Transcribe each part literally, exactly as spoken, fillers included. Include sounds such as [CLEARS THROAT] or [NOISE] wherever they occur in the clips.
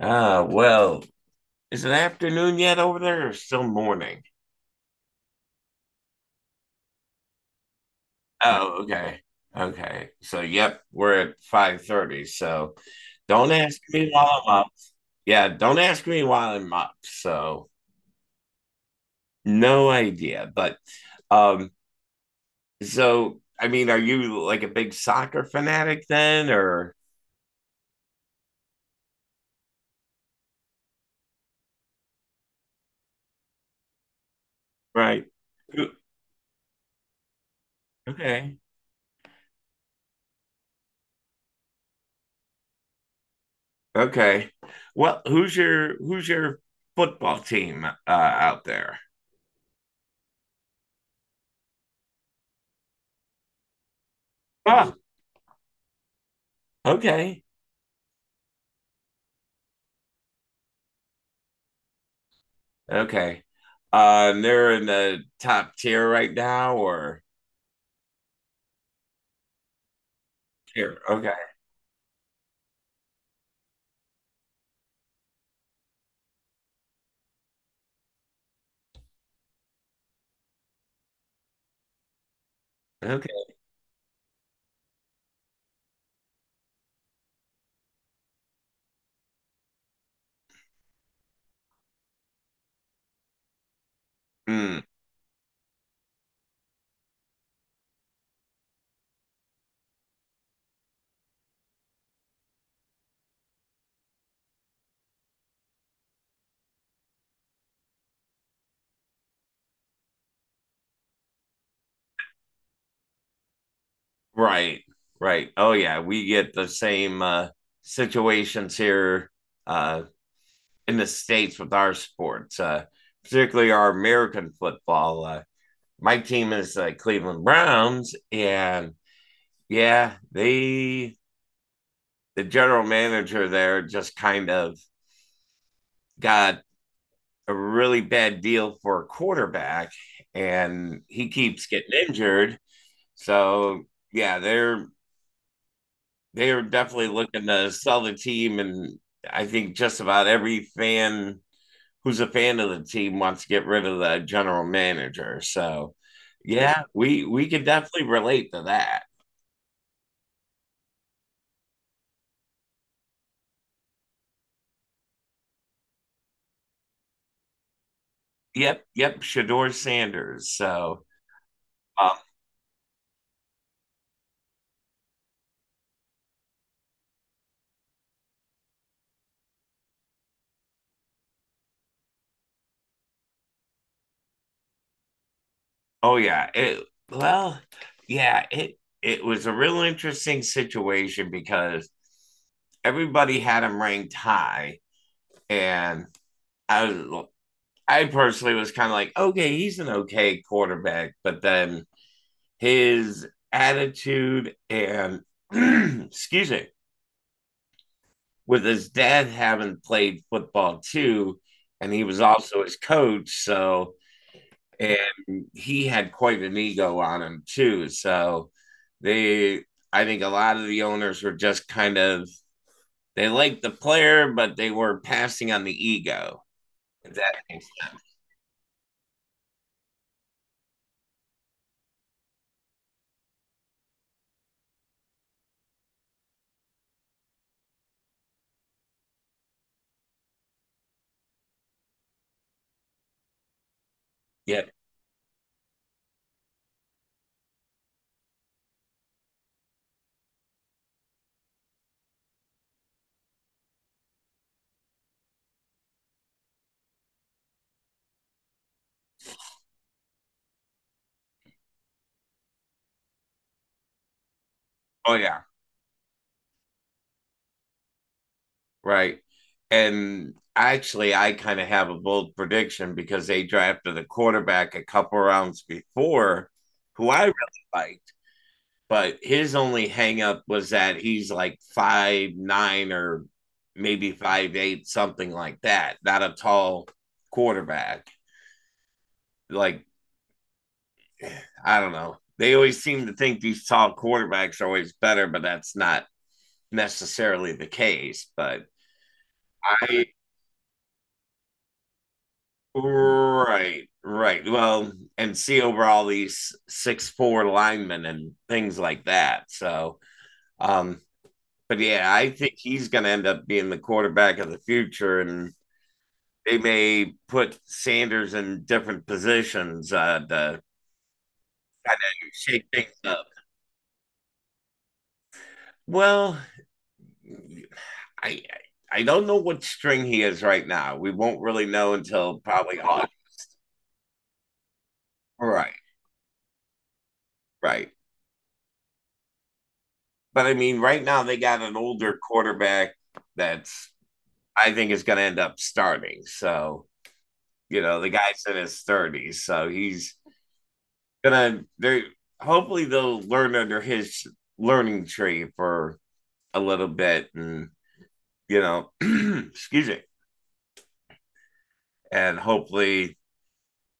Ah, well, is it afternoon yet over there or still morning? Oh, okay. Okay. So, yep, we're at five thirty. So, don't ask me while I'm up. Yeah, don't ask me while I'm up. So, no idea. But um so I mean, are you like a big soccer fanatic then or right? Who- Okay. Okay. Well, who's your who's your football team uh, out there? Oh, okay. Okay. Uh, they're in the top tier right now, or tier. Okay. Okay. Mm, right. Right. Oh yeah, we get the same uh, situations here uh, in the states with our sports, uh, particularly our American football. Uh, my team is the Cleveland Browns, and yeah, they the general manager there just kind of got a really bad deal for a quarterback, and he keeps getting injured. So yeah, they're they are definitely looking to sell the team, and I think just about every fan who's a fan of the team wants to get rid of the general manager. So yeah, we we can definitely relate to that. Yep, yep, Shador Sanders. So um, oh yeah, it well yeah it it was a real interesting situation because everybody had him ranked high, and I was, I personally was kind of like, okay, he's an okay quarterback, but then his attitude and [CLEARS THROAT] excuse me, with his dad having played football too, and he was also his coach, so and he had quite an ego on him too. So they, I think, a lot of the owners were just kind of they liked the player, but they were passing on the ego. Exactly. Yeah. Oh yeah, right. And actually, I kind of have a bold prediction because they drafted a quarterback a couple rounds before, who I really liked. But his only hangup was that he's like five nine or maybe five eight, something like that. Not a tall quarterback. Like I don't know. They always seem to think these tall quarterbacks are always better, but that's not necessarily the case. But I right, right. Well, and see over all these six four linemen and things like that. So, um, but yeah, I think he's going to end up being the quarterback of the future, and they may put Sanders in different positions uh, to shake things up. Well, I I don't know what string he is right now. We won't really know until probably August. Right, right. But I mean, right now they got an older quarterback that's I think is going to end up starting. So, you know, the guy's in his thirties. So he's going to, they hopefully they'll learn under his learning tree for a little bit and, you know, [CLEARS THROAT] excuse me. And hopefully,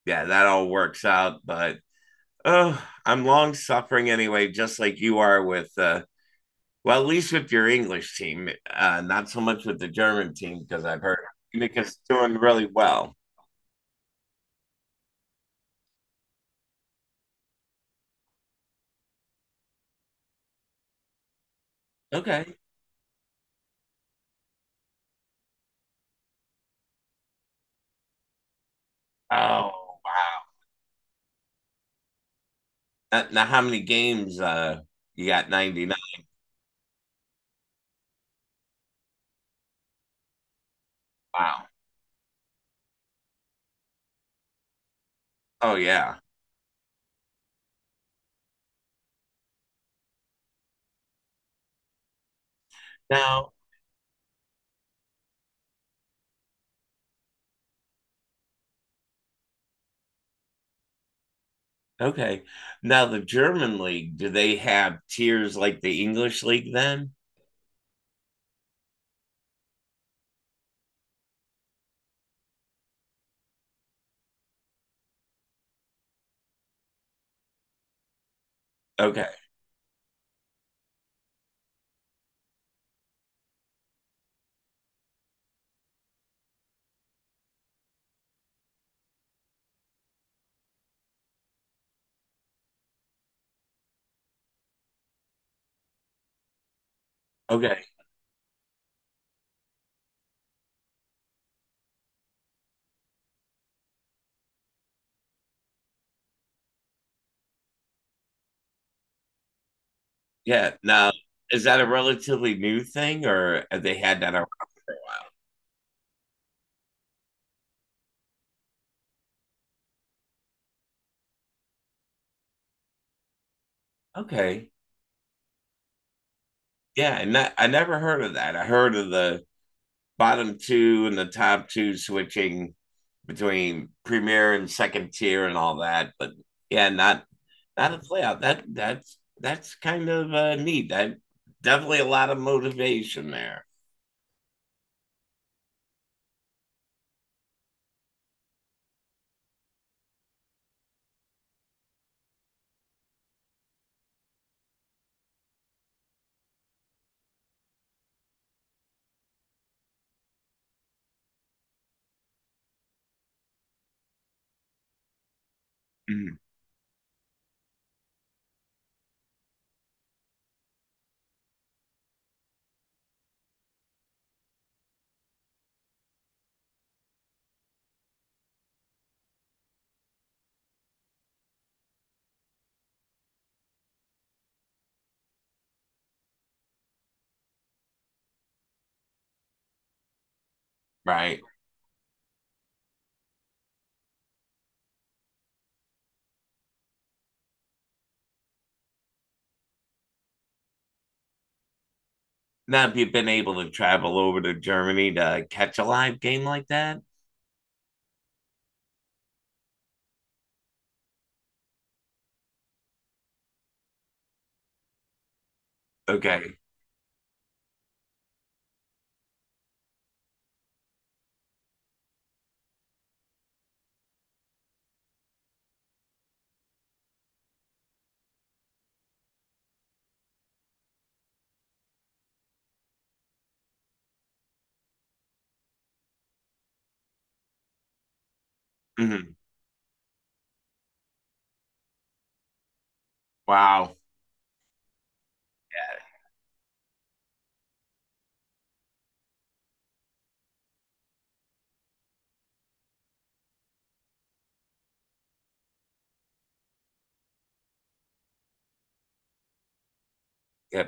yeah, that all works out. But oh, I'm long suffering anyway, just like you are with, uh, well, at least with your English team, uh, not so much with the German team because I've heard Munich is doing really well. Okay. Oh, Uh, now, how many games uh, you got? ninety-nine. Wow. Oh, yeah. Now, okay. Now, the German league, do they have tiers like the English league then? Okay. Okay. Yeah. Now, is that a relatively new thing or have they had that around? Okay. Yeah. And that, I never heard of that. I heard of the bottom two and the top two switching between premier and second tier and all that. But yeah, not not a playoff. That that's that's kind of uh, neat. That definitely a lot of motivation there, mhm, right? Now, if you've been able to travel over to Germany to catch a live game like that, okay. Mhm. Wow. Yeah.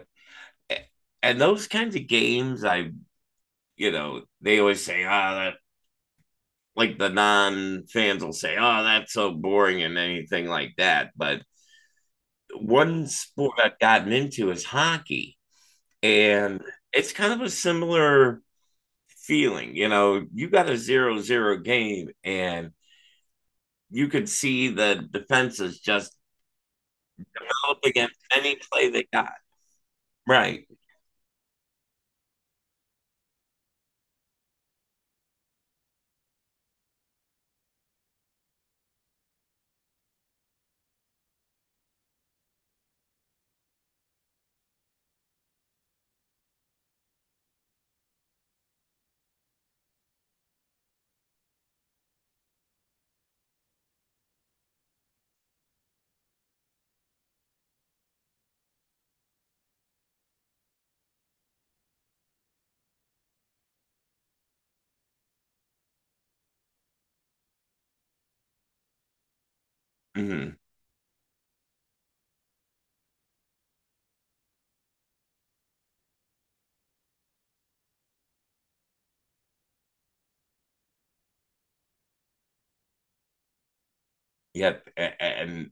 Yeah. And those kinds of games, I you know, they always say, ah, oh, that like the non fans will say, oh, that's so boring and anything like that. But one sport I've gotten into is hockey, and it's kind of a similar feeling. You know, you got a zero zero game, and you could see the defenses just up against any play they got. Right. Mm-hmm. Yep. And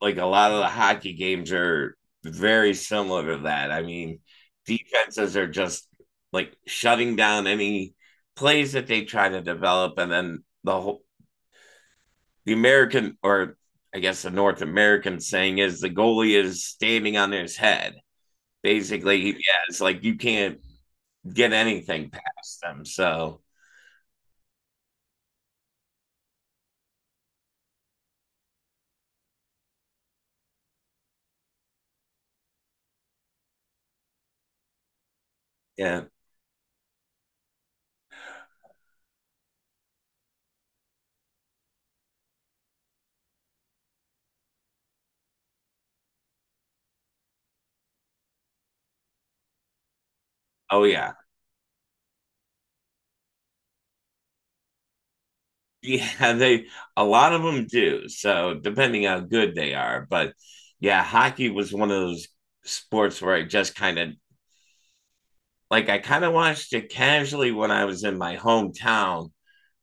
like a lot of the hockey games are very similar to that. I mean, defenses are just like shutting down any plays that they try to develop, and then the whole the American or I guess the North American saying is the goalie is standing on his head. Basically, yeah, it's like you can't get anything past them. So yeah, oh yeah, [LAUGHS] yeah. They a lot of them do. So depending how good they are, but yeah, hockey was one of those sports where I just kind of like I kind of watched it casually when I was in my hometown.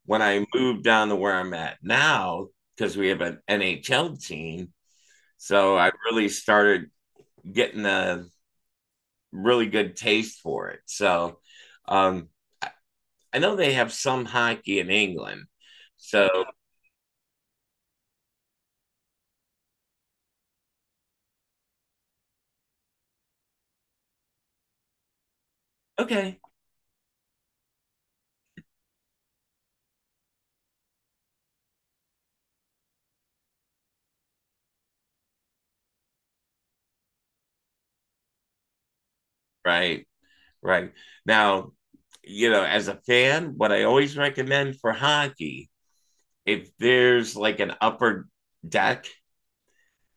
When I moved down to where I'm at now, because we have an N H L team, so I really started getting a really good taste for it. So um, I know they have some hockey in England. So, okay. Right. Right. Now, you know, as a fan, what I always recommend for hockey, if there's like an upper deck,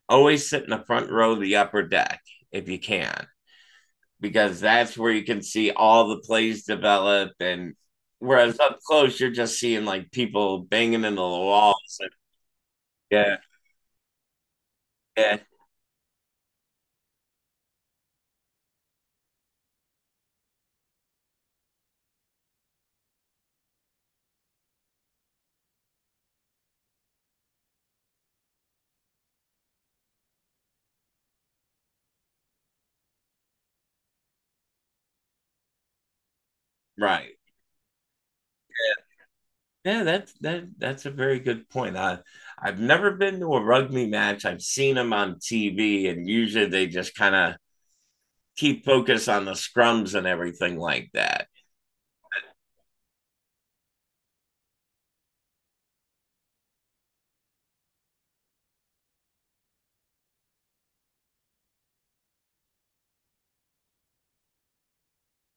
always sit in the front row of the upper deck if you can, because that's where you can see all the plays develop. And whereas up close, you're just seeing like people banging into the walls. And, yeah. Yeah. Right. Yeah, that's that that's a very good point. I I've never been to a rugby match. I've seen them on T V, and usually they just kind of keep focus on the scrums and everything like that.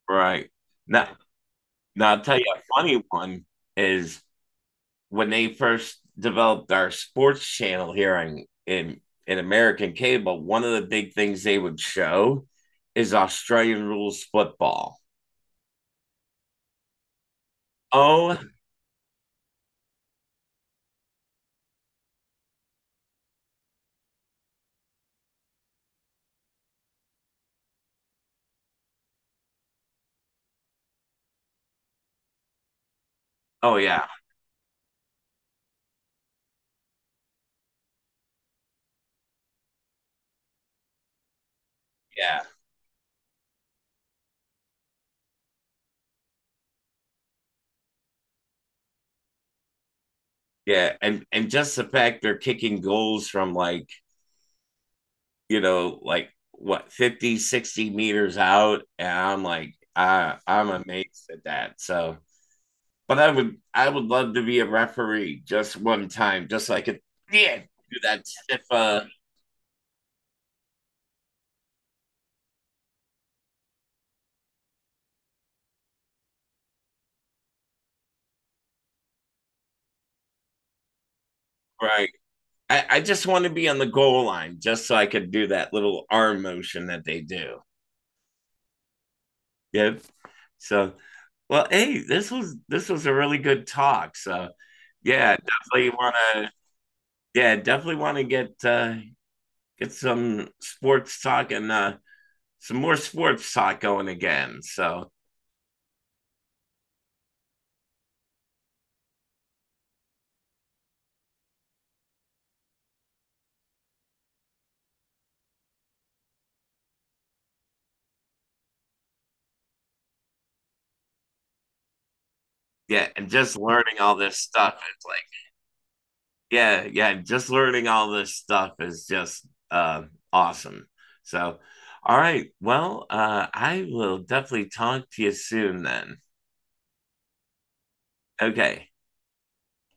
Right. Now, now I'll tell you a funny one is when they first developed our sports channel here in in, in American cable, one of the big things they would show is Australian rules football. Oh, oh yeah, yeah. Yeah, and and just the fact they're kicking goals from like, you know, like what fifty sixty meters out and I'm like I I'm amazed at that. So, but I would I would love to be a referee just one time just like so it yeah, do that stiff uh right. I, I just want to be on the goal line just so I could do that little arm motion that they do. Yep. So, well, hey, this was this was a really good talk. So, yeah, definitely want to yeah, definitely want to get uh, get some sports talk and uh, some more sports talk going again. So yeah, and just learning all this stuff is like yeah, yeah, just learning all this stuff is just uh, awesome. So all right, well, uh, I will definitely talk to you soon then. Okay.